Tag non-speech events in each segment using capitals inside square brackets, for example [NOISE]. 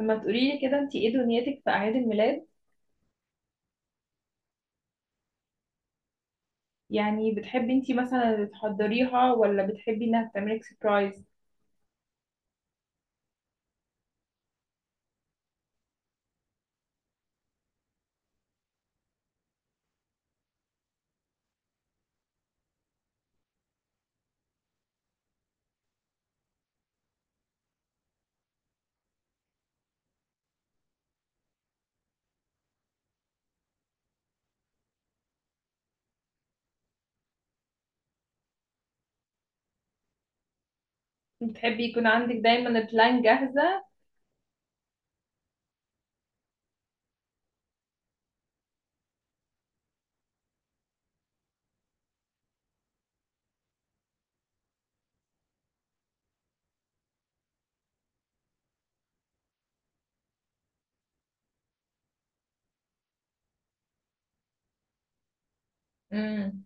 لما تقولي لي كده انت ايه دنيتك في اعياد الميلاد؟ يعني بتحبي انت مثلا تحضريها ولا بتحبي انها تعملك سربرايز؟ بتحبي يكون عندك دايما البلان جاهزة؟ امم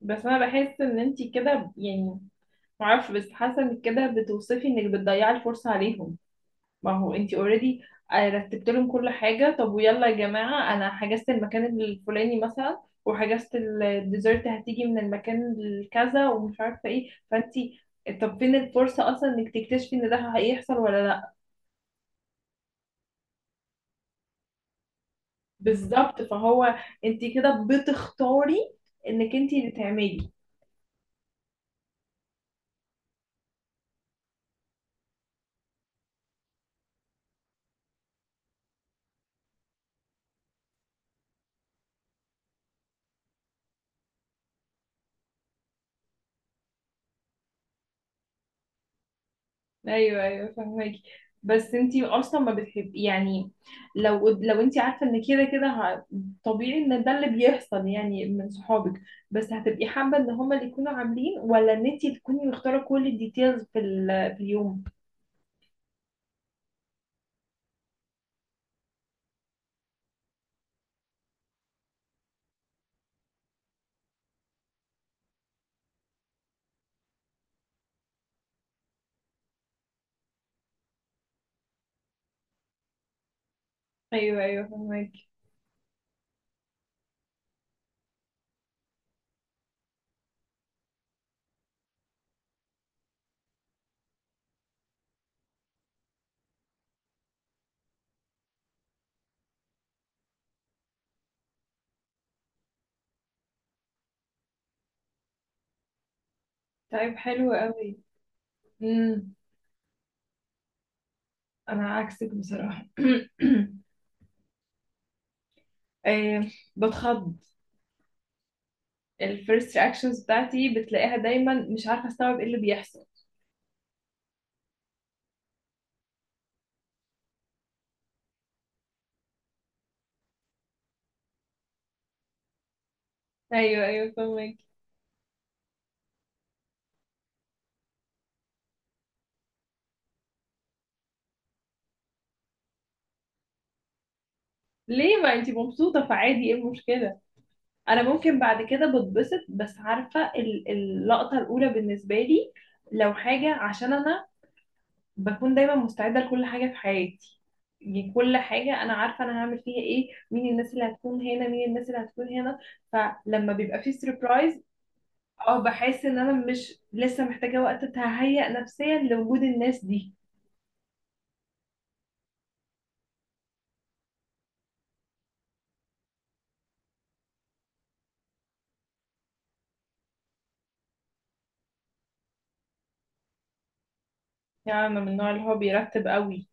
بس انا بحس ان انت كده، يعني معرفش، بس حاسة انك كده بتوصفي انك بتضيعي الفرصة عليهم. ما هو انتي اوريدي رتبت لهم كل حاجة. طب ويلا يا جماعة، انا حجزت المكان الفلاني مثلا وحجزت الديزرت هتيجي من المكان الكذا ومش عارفة ايه، فانتي طب فين الفرصة اصلا انك تكتشفي ان ده هيحصل ولا لا؟ بالظبط، فهو انتي كده بتختاري انك انتي اللي تعملي. ايوه ايوه فهماكي. بس انتي اصلا ما بتحبي يعني، لو انتي عارفه ان كده كده طبيعي ان ده اللي بيحصل يعني من صحابك، بس هتبقي حابه ان هما اللي يكونوا عاملين ولا ان انتي تكوني مختاره كل الديتيلز في اليوم؟ ايوه ايوه فهماكي. طيب حلو قوي. امم انا عكسك بصراحه. [CLEARS THROAT] آه، بتخض. الفيرست رياكشنز بتاعتي بتلاقيها دايما مش عارفه استوعب ايه اللي بيحصل. ايوه ايوه فهماكي. ليه؟ ما انتي مبسوطة، فعادي، ايه المشكلة؟ انا ممكن بعد كده بتبسط، بس عارفة اللقطة الاولى بالنسبة لي لو حاجة، عشان انا بكون دايما مستعدة لكل حاجة في حياتي، يعني كل حاجة انا عارفة انا هعمل فيها ايه، مين الناس اللي هتكون هنا، مين الناس اللي هتكون هنا. فلما بيبقى في سربرايز، اه بحس ان انا مش لسه محتاجة وقت تهيأ نفسيا لوجود الناس دي. يعني انا من النوع اللي هو بيرتب قوي.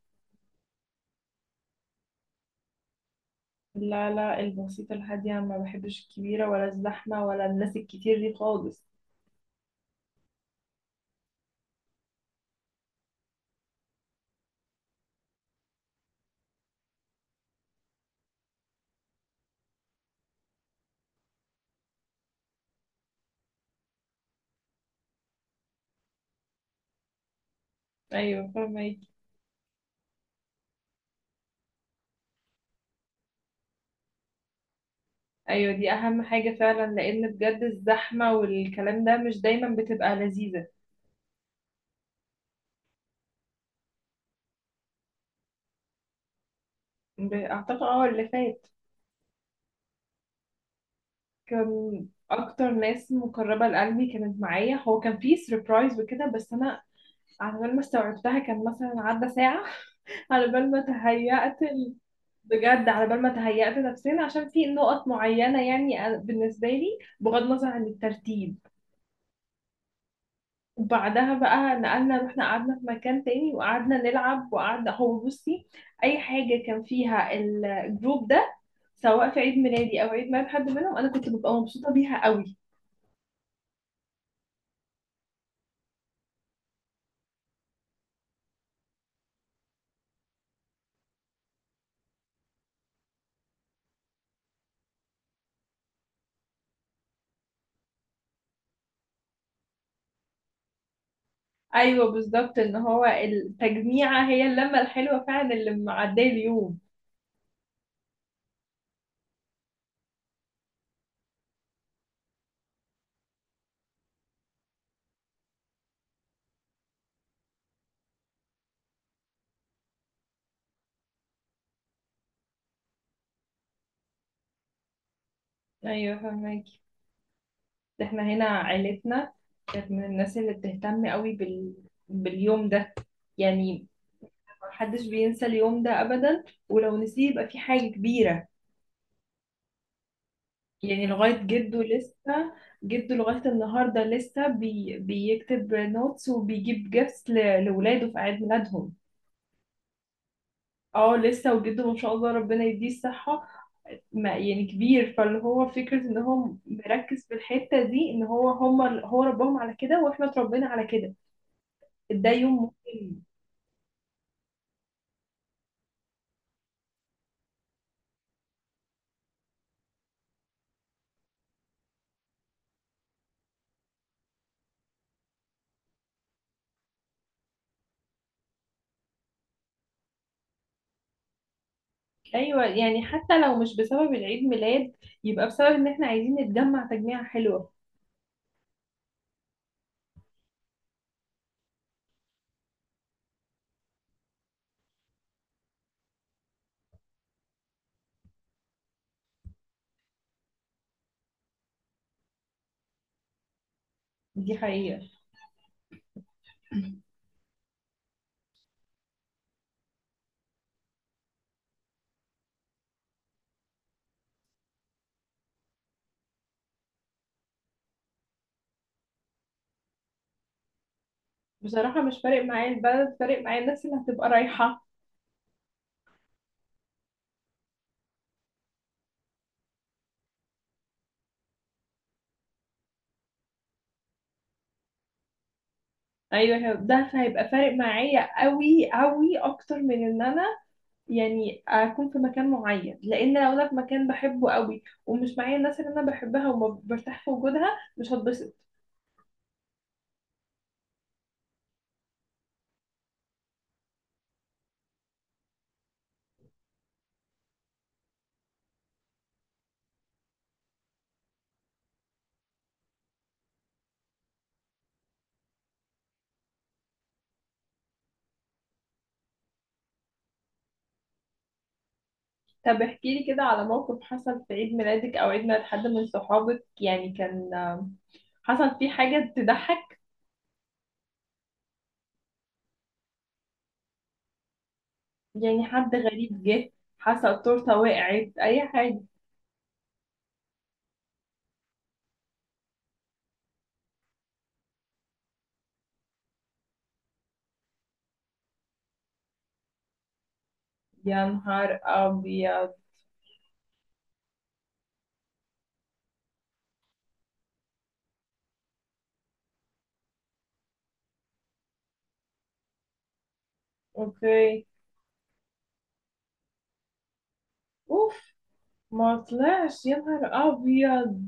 لا لا، البسيطة الهادية، ما بحبش الكبيرة ولا الزحمة ولا الناس الكتير دي خالص. أيوة فاهمك. أيوة دي أهم حاجة فعلا، لأن بجد الزحمة والكلام ده مش دايما بتبقى لذيذة. أعتقد اه اللي فات، كان أكتر ناس مقربة لقلبي كانت معايا، هو كان فيه سربرايز وكده، بس أنا على بال ما استوعبتها كان مثلا عدى ساعة. [LAUGHS] على بال ما تهيأت، بجد على بال ما تهيأت نفسنا، عشان في نقط معينة يعني بالنسبة لي بغض النظر عن الترتيب. وبعدها بقى نقلنا، رحنا قعدنا في مكان تاني وقعدنا نلعب وقعدنا، هو بصي، أي حاجة كان فيها الجروب ده، سواء في عيد ميلادي أو عيد ميلاد حد منهم، أنا كنت ببقى مبسوطة بيها قوي. أيوة بالظبط، إن هو التجميعة هي اللمة الحلوة فعلا اللي معدية اليوم. أيوة فهمك. احنا هنا عيلتنا كانت من الناس اللي بتهتم قوي باليوم ده، يعني محدش بينسى اليوم ده ابدا، ولو نسيه يبقى في حاجة كبيرة. يعني لغاية جده لسه، جده لغاية النهاردة لسه بيكتب نوتس وبيجيب جيفس لولاده في عيد ميلادهم. اه لسه، وجده ما شاء الله ربنا يديه الصحة، ما يعني كبير، فاللي هو فكرة ان هو مركز في الحتة دي، ان هو هم هو ربهم على كده واحنا اتربينا على كده. ده يوم مهم. ايوه، يعني حتى لو مش بسبب العيد ميلاد، يبقى بسبب ان احنا عايزين نتجمع تجميعة حلوة. دي حقيقة. بصراحة مش فارق معايا البلد، فارق معايا الناس اللي هتبقى رايحة. ايوه ده هيبقى فارق معايا قوي قوي اكتر من ان انا يعني اكون في مكان معين، لان لو انا في مكان بحبه قوي ومش معايا الناس اللي انا بحبها وما برتاح في وجودها، مش هتبسط. طب احكي لي كده على موقف حصل في عيد ميلادك او عيد ميلاد حد من صحابك، يعني كان حصل فيه حاجة تضحك، يعني حد غريب جه، حسب التورتة وقعت، أي حاجة. يا نهار أبيض. أوكي. أوف، ما طلعش، يا نهار أبيض.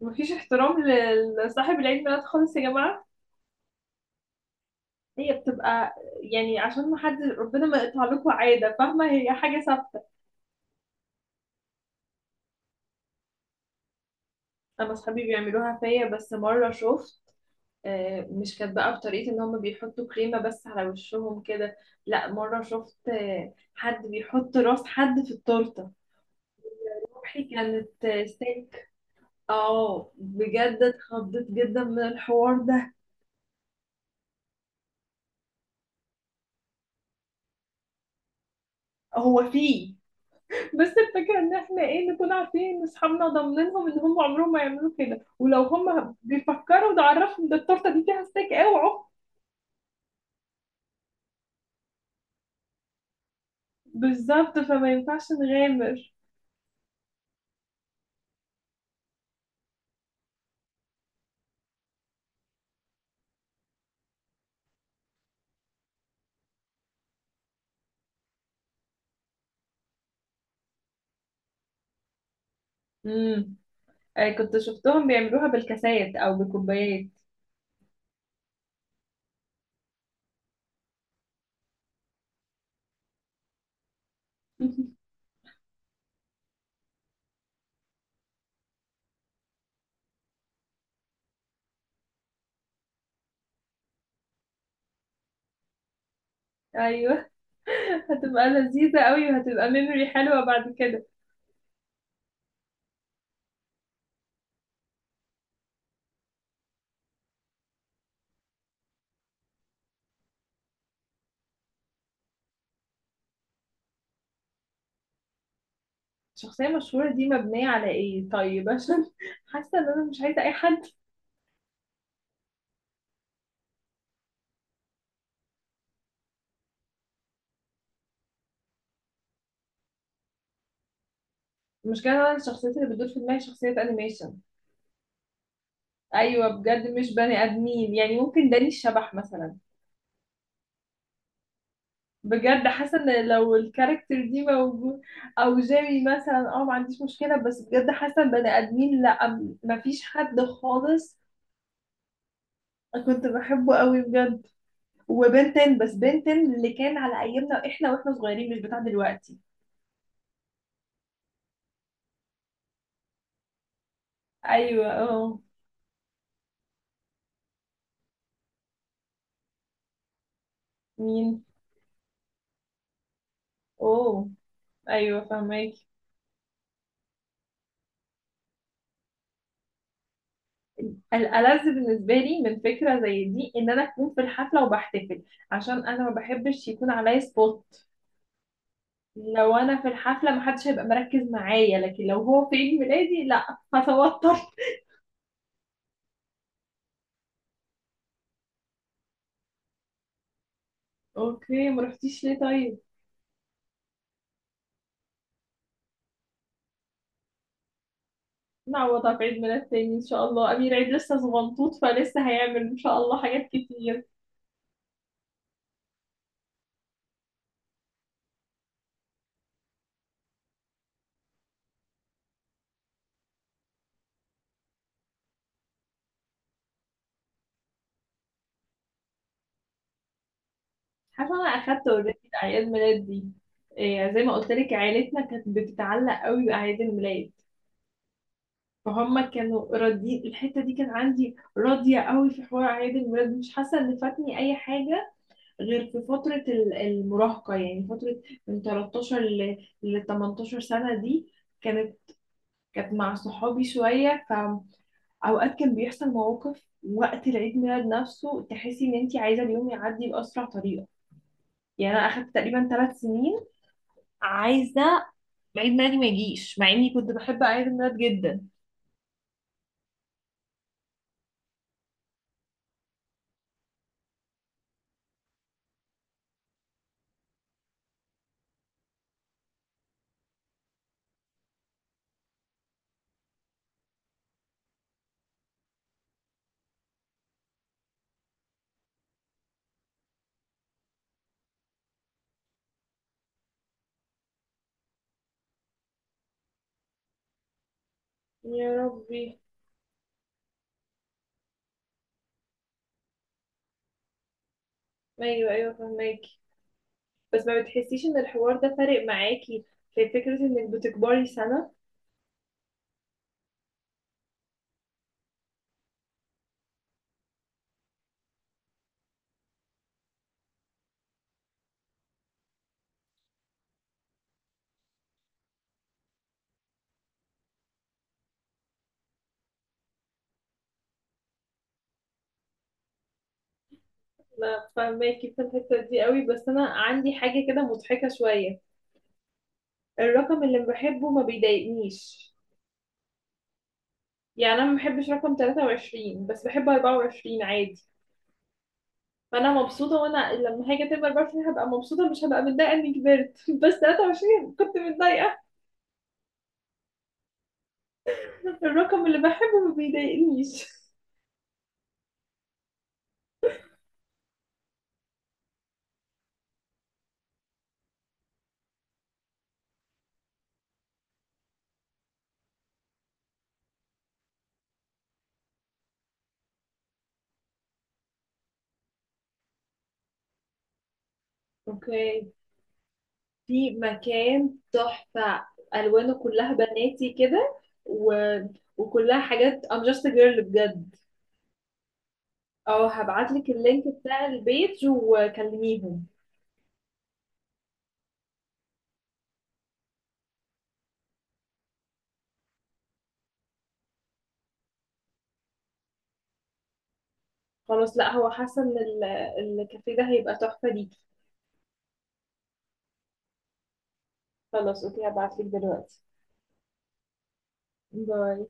مفيش احترام لصاحب العيد ميلاد خالص يا جماعة. هي بتبقى يعني عشان ما حد، ربنا ما يقطع لكم عادة، فاهمة، هي حاجة ثابتة. أنا أصحابي بيعملوها فيا، بس مرة شفت، مش كانت بقى بطريقة إن هما بيحطوا كريمة بس على وشهم كده. لأ مرة شفت حد بيحط راس حد في التورتة. روحي كانت سيك. اه بجد اتخضيت جدا من الحوار ده. هو فيه، بس الفكرة ان احنا ايه، نكون عارفين ان اصحابنا ضامنينهم ان هم عمرهم ما يعملوا كده، ولو هم بيفكروا نعرفهم ده التورتة دي فيها ستيك اوعوا. بالظبط، فما ينفعش نغامر. امم كنت شفتهم بيعملوها بالكاسات او بكوبايات. [LAUGHS] ايوه هتبقى لذيذة قوي وهتبقى ميموري حلوة بعد كده. الشخصية المشهورة دي مبنية على ايه طيب، عشان [LAUGHS] حاسة ان انا مش عايزة اي حد. مش كده، انا الشخصيات اللي بتدور في دماغي شخصيات انيميشن. ايوه بجد، مش بني ادمين، يعني ممكن داني الشبح مثلا. بجد حاسة ان لو الكاركتر دي موجود، او جيمي مثلا، اه ما عنديش مشكلة، بس بجد حاسة إن بني ادمين لا، مفيش حد خالص. كنت بحبه قوي بجد. وبنتن، بس بنتن اللي كان على ايامنا، احنا واحنا صغيرين، مش بتاع دلوقتي. ايوه اه. مين؟ اوه، ايوه فهماكي. الألذ بالنسبة لي من فكرة زي دي إن أنا أكون في الحفلة وبحتفل، عشان أنا ما بحبش يكون عليا سبوت. لو أنا في الحفلة محدش هيبقى مركز معايا، لكن لو هو في عيد ميلادي لأ، هتوتر. [LAUGHS] أوكي، ما رحتيش ليه طيب؟ نعوضها في عيد ميلاد تاني إن شاء الله، أمير عيد لسه صغنطوط فلسه هيعمل إن شاء الله حاجات كتير. حاسة أنا أخدت أوريدي أعياد ميلاد دي. إيه، زي ما قلت لك عيلتنا كانت بتتعلق قوي بأعياد الميلاد، فهم كانوا راضيين الحته دي، كان عندي راضيه قوي في حوار اعياد الميلاد، مش حاسه ان فاتني اي حاجه، غير في فتره المراهقه، يعني فتره من 13 ل 18 سنه، دي كانت كانت مع صحابي شويه. فاوقات كان بيحصل مواقف وقت العيد ميلاد نفسه، تحسي ان انت عايزه اليوم يعدي باسرع طريقه. يعني انا اخدت تقريبا 3 سنين عايزه عيد ميلادي ما يجيش، مع اني كنت بحب عيد الميلاد جدا. يا ربي. ايوه ايوه فهمك. بس ما بتحسيش ان الحوار ده فارق معاكي في فكرة انك بتكبري سنة؟ ما فاهماكي في الحتة دي قوي، بس انا عندي حاجة كده مضحكة شوية. الرقم اللي بحبه ما بيضايقنيش، يعني انا ما بحبش رقم 23 بس بحب 24 عادي، فانا مبسوطة وانا لما هاجي اتم 24 هبقى مبسوطة، مش هبقى متضايقة اني كبرت. [LAUGHS] بس 23 كنت متضايقة. الرقم اللي بحبه ما بيضايقنيش. اوكي في مكان تحفة، ألوانه كلها بناتي كده، و... وكلها حاجات I'm just a girl بجد. اه هبعتلك اللينك بتاع البيج وكلميهم. خلاص لا، هو حاسة ان الكافيه ده هيبقى تحفة ليكي. خلاص اوكي هبعتلك دلوقتي. باي.